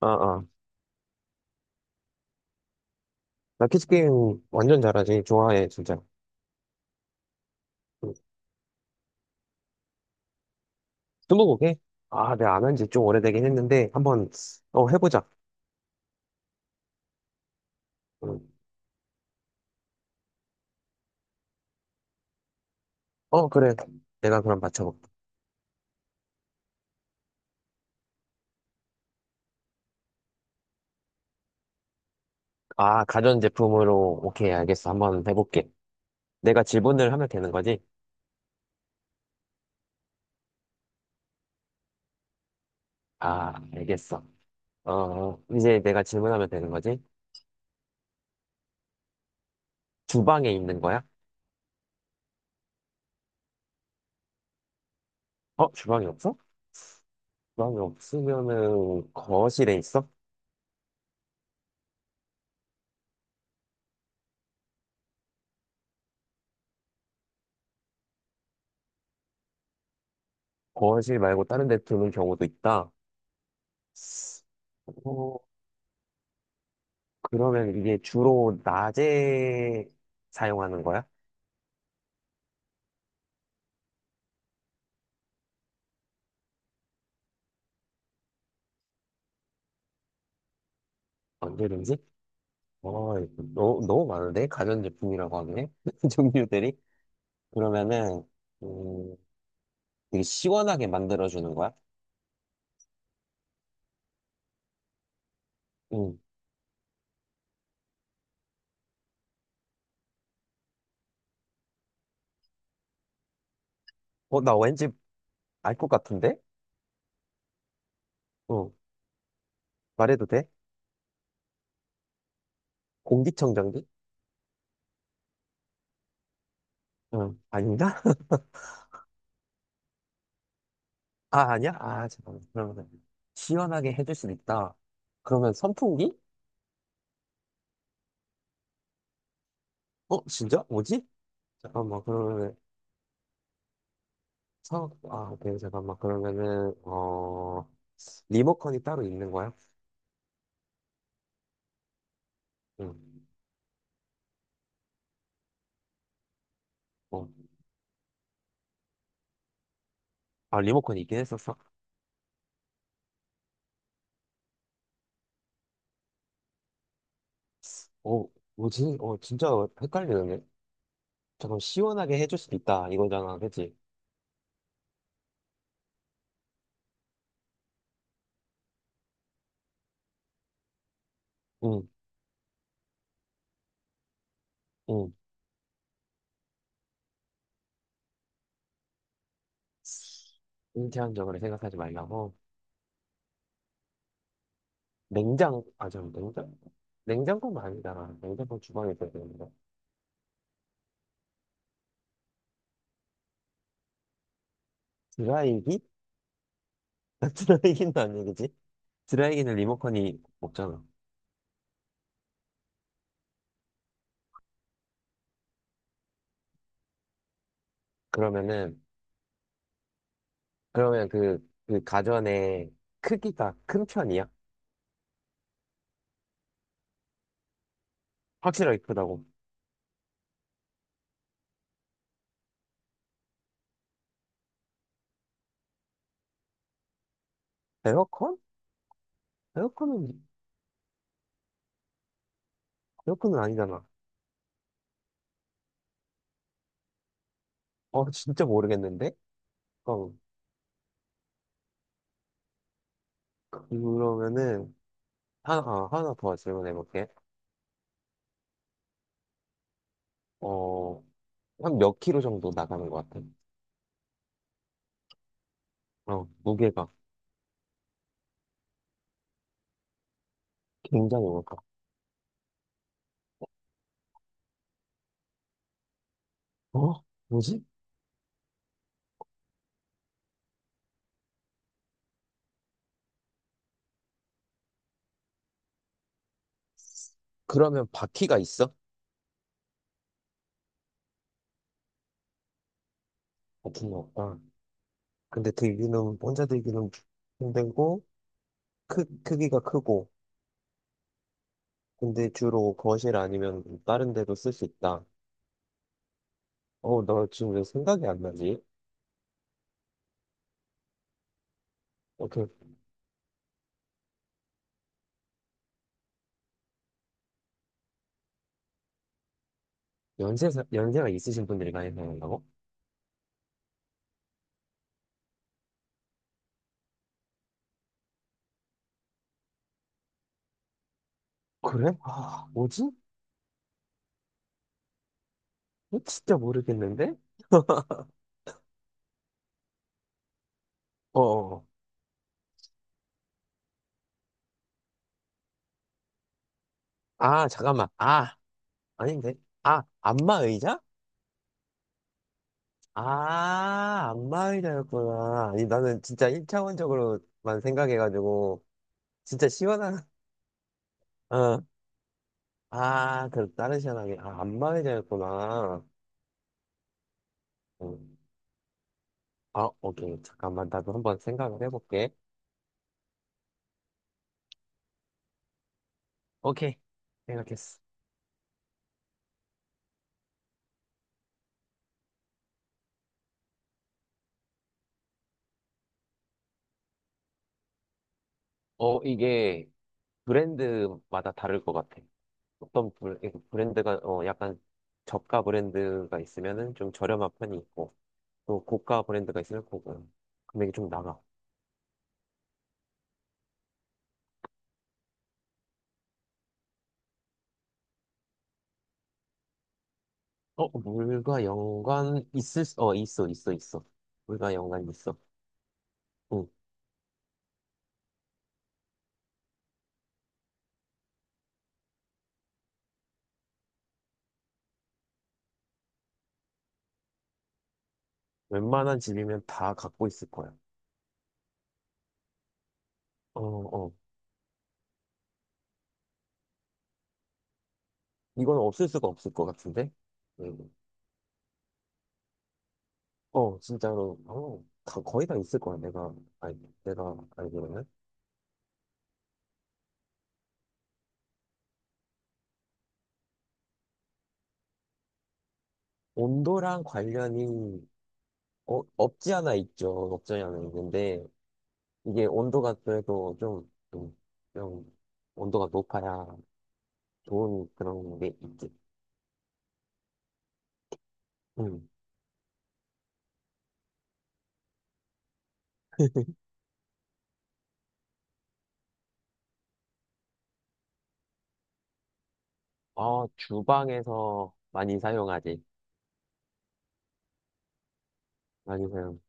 아, 아. 나 키즈게임 완전 잘하지. 좋아해, 진짜. 응. 스무고개? 아, 내가 안 한 지 좀 오래되긴 했는데, 한번, 해보자. 응. 어, 그래. 내가 그럼 맞춰볼게. 아, 가전제품으로, 오케이, 알겠어. 한번 해볼게. 내가 질문을 하면 되는 거지? 아, 알겠어. 어, 이제 내가 질문하면 되는 거지? 주방에 있는 거야? 어, 주방에 없어? 주방에 없으면은, 거실에 있어? 거실 말고 다른 데 두는 경우도 있다. 어, 그러면 이게 주로 낮에 사용하는 거야? 언제든지? 어, 너무, 너무 많은데? 가전제품이라고 하네? 종류들이? 그러면은, 음, 되게 시원하게 만들어주는 거야? 응. 어, 나 왠지 알 것 같은데? 어, 말해도 돼? 공기청정기? 응. 아닌가? 아, 아니야? 아, 잠깐만. 그러면 시원하게 해줄 수 있다. 그러면 선풍기? 어, 진짜? 뭐지? 잠깐만, 그러면 오케이, 잠깐만. 그러면은, 어, 리모컨이 따로 있는 거야? 응. 어. 아, 리모컨이 있긴 했었어? 어, 뭐지? 어, 진짜 헷갈리는데? 잠깐 시원하게 해줄 수도 있다, 이거잖아, 그치? 응, 응. 인체한적으로 생각하지 말라고. 냉장? 냉장고는 아니잖아. 냉장고 주방에 있어야 되는데. 드라이기? 드라이기는 아니겠지? 드라이기는 리모컨이 없잖아. 그러면은, 그러면 그, 그 가전의 크기가 큰 편이야? 확실하게 크다고. 에어컨? 에어컨은, 에어컨은 아니잖아. 어, 진짜 모르겠는데? 어, 그러면은, 하나 더 질문해볼게. 어, 한 몇 킬로 정도 나가는 것 같아? 어, 무게가 굉장히 무겁다. 어? 뭐지? 그러면 바퀴가 있어? 바퀴는 없다. 근데 들기는, 혼자 들기는 힘들고, 크기가 크고, 근데 주로 거실 아니면 다른 데도 쓸 수 있다. 어, 나 지금 왜 생각이 안 나지? 어, 그, 연세가 있으신 분들이 많이 사용한다고? 그래? 아, 뭐지? 어, 진짜 모르겠는데? 어, 어. 아, 잠깐만. 아, 아닌데. 아, 안마 의자? 아, 안마 의자였구나. 아니, 나는 진짜 1차원적으로만 생각해가지고, 진짜 시원한, 어. 아, 그, 다른 시원하게. 아, 안마 의자였구나. 음. 아, 오케이. 잠깐만. 나도 한번 생각을 해볼게. 오케이. 생각했어. 어, 이게, 브랜드마다 다를 것 같아. 브랜드가 어 약간 저가 브랜드가 있으면은 좀 저렴한 편이 있고 또 고가 브랜드가 있을 거고 금액이 좀 나가. 어 물과 연관 있을 수, 어 있어 있어 있어 물과 연관 있어. 응. 웬만한 집이면 다 갖고 있을 거야. 어어. 이건 없을 수가 없을 것 같은데. 응. 어 진짜로 어, 다 거의 다 있을 거야 알 내가 알기로는. 온도랑 관련이 어, 없지 않아 있죠. 없지 않아 있는데, 이게 온도가 그래도 좀 온도가 높아야 좋은 그런 게 있지. 음. 아, 주방에서 많이 사용하지. 많이 사용.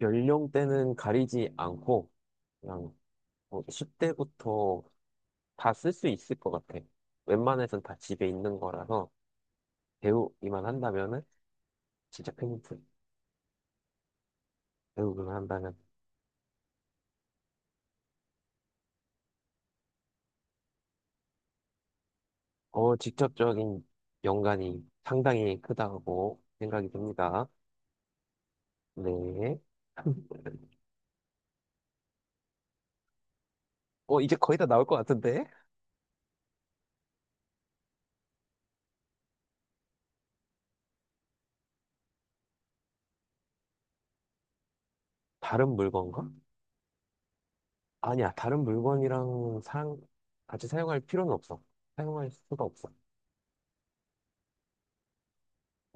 연령대는 가리지 않고, 그냥 뭐 10대부터 다 쓸 수 있을 것 같아. 웬만해선 다 집에 있는 거라서, 배우기만 한다면은, 진짜 큰 힌트. 배우기만 한다면. 어, 직접적인 연관이 상당히 크다고 생각이 듭니다. 네. 어, 이제 거의 다 나올 것 같은데? 다른 물건과? 아니야, 다른 물건이랑 상 같이 사용할 필요는 없어. 사용할 수가 없어.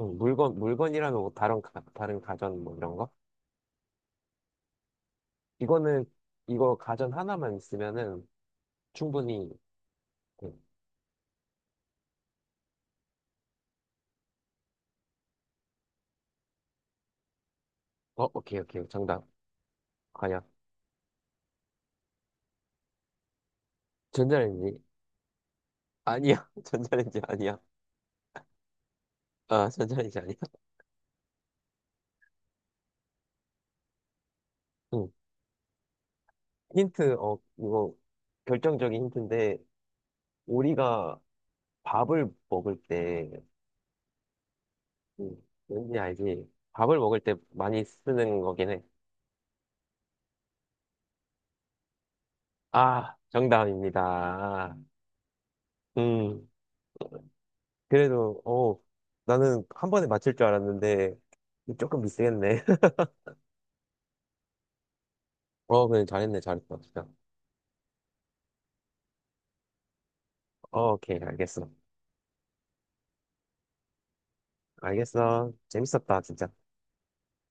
응, 물건이라면 뭐 다른, 다른 가전 뭐 이런 거? 이거는, 이거 가전 하나만 있으면은 충분히, 응. 어, 오케이, 오케이. 정답. 과연. 전자레인지? 아니야. 전자레인지 아니야. 아, 전자레인지 아니야. 응. 힌트, 어, 이거 결정적인 힌트인데, 우리가 밥을 먹을 때, 음, 왠지 알지? 밥을 먹을 때 많이 쓰는 거긴 해. 아, 정답입니다. 음, 그래도, 어, 나는 한 번에 맞힐 줄 알았는데, 조금 미세겠네. 어, 그래, 잘했네, 잘했어, 진짜. 어, 오케이, 알겠어. 알겠어. 재밌었다, 진짜.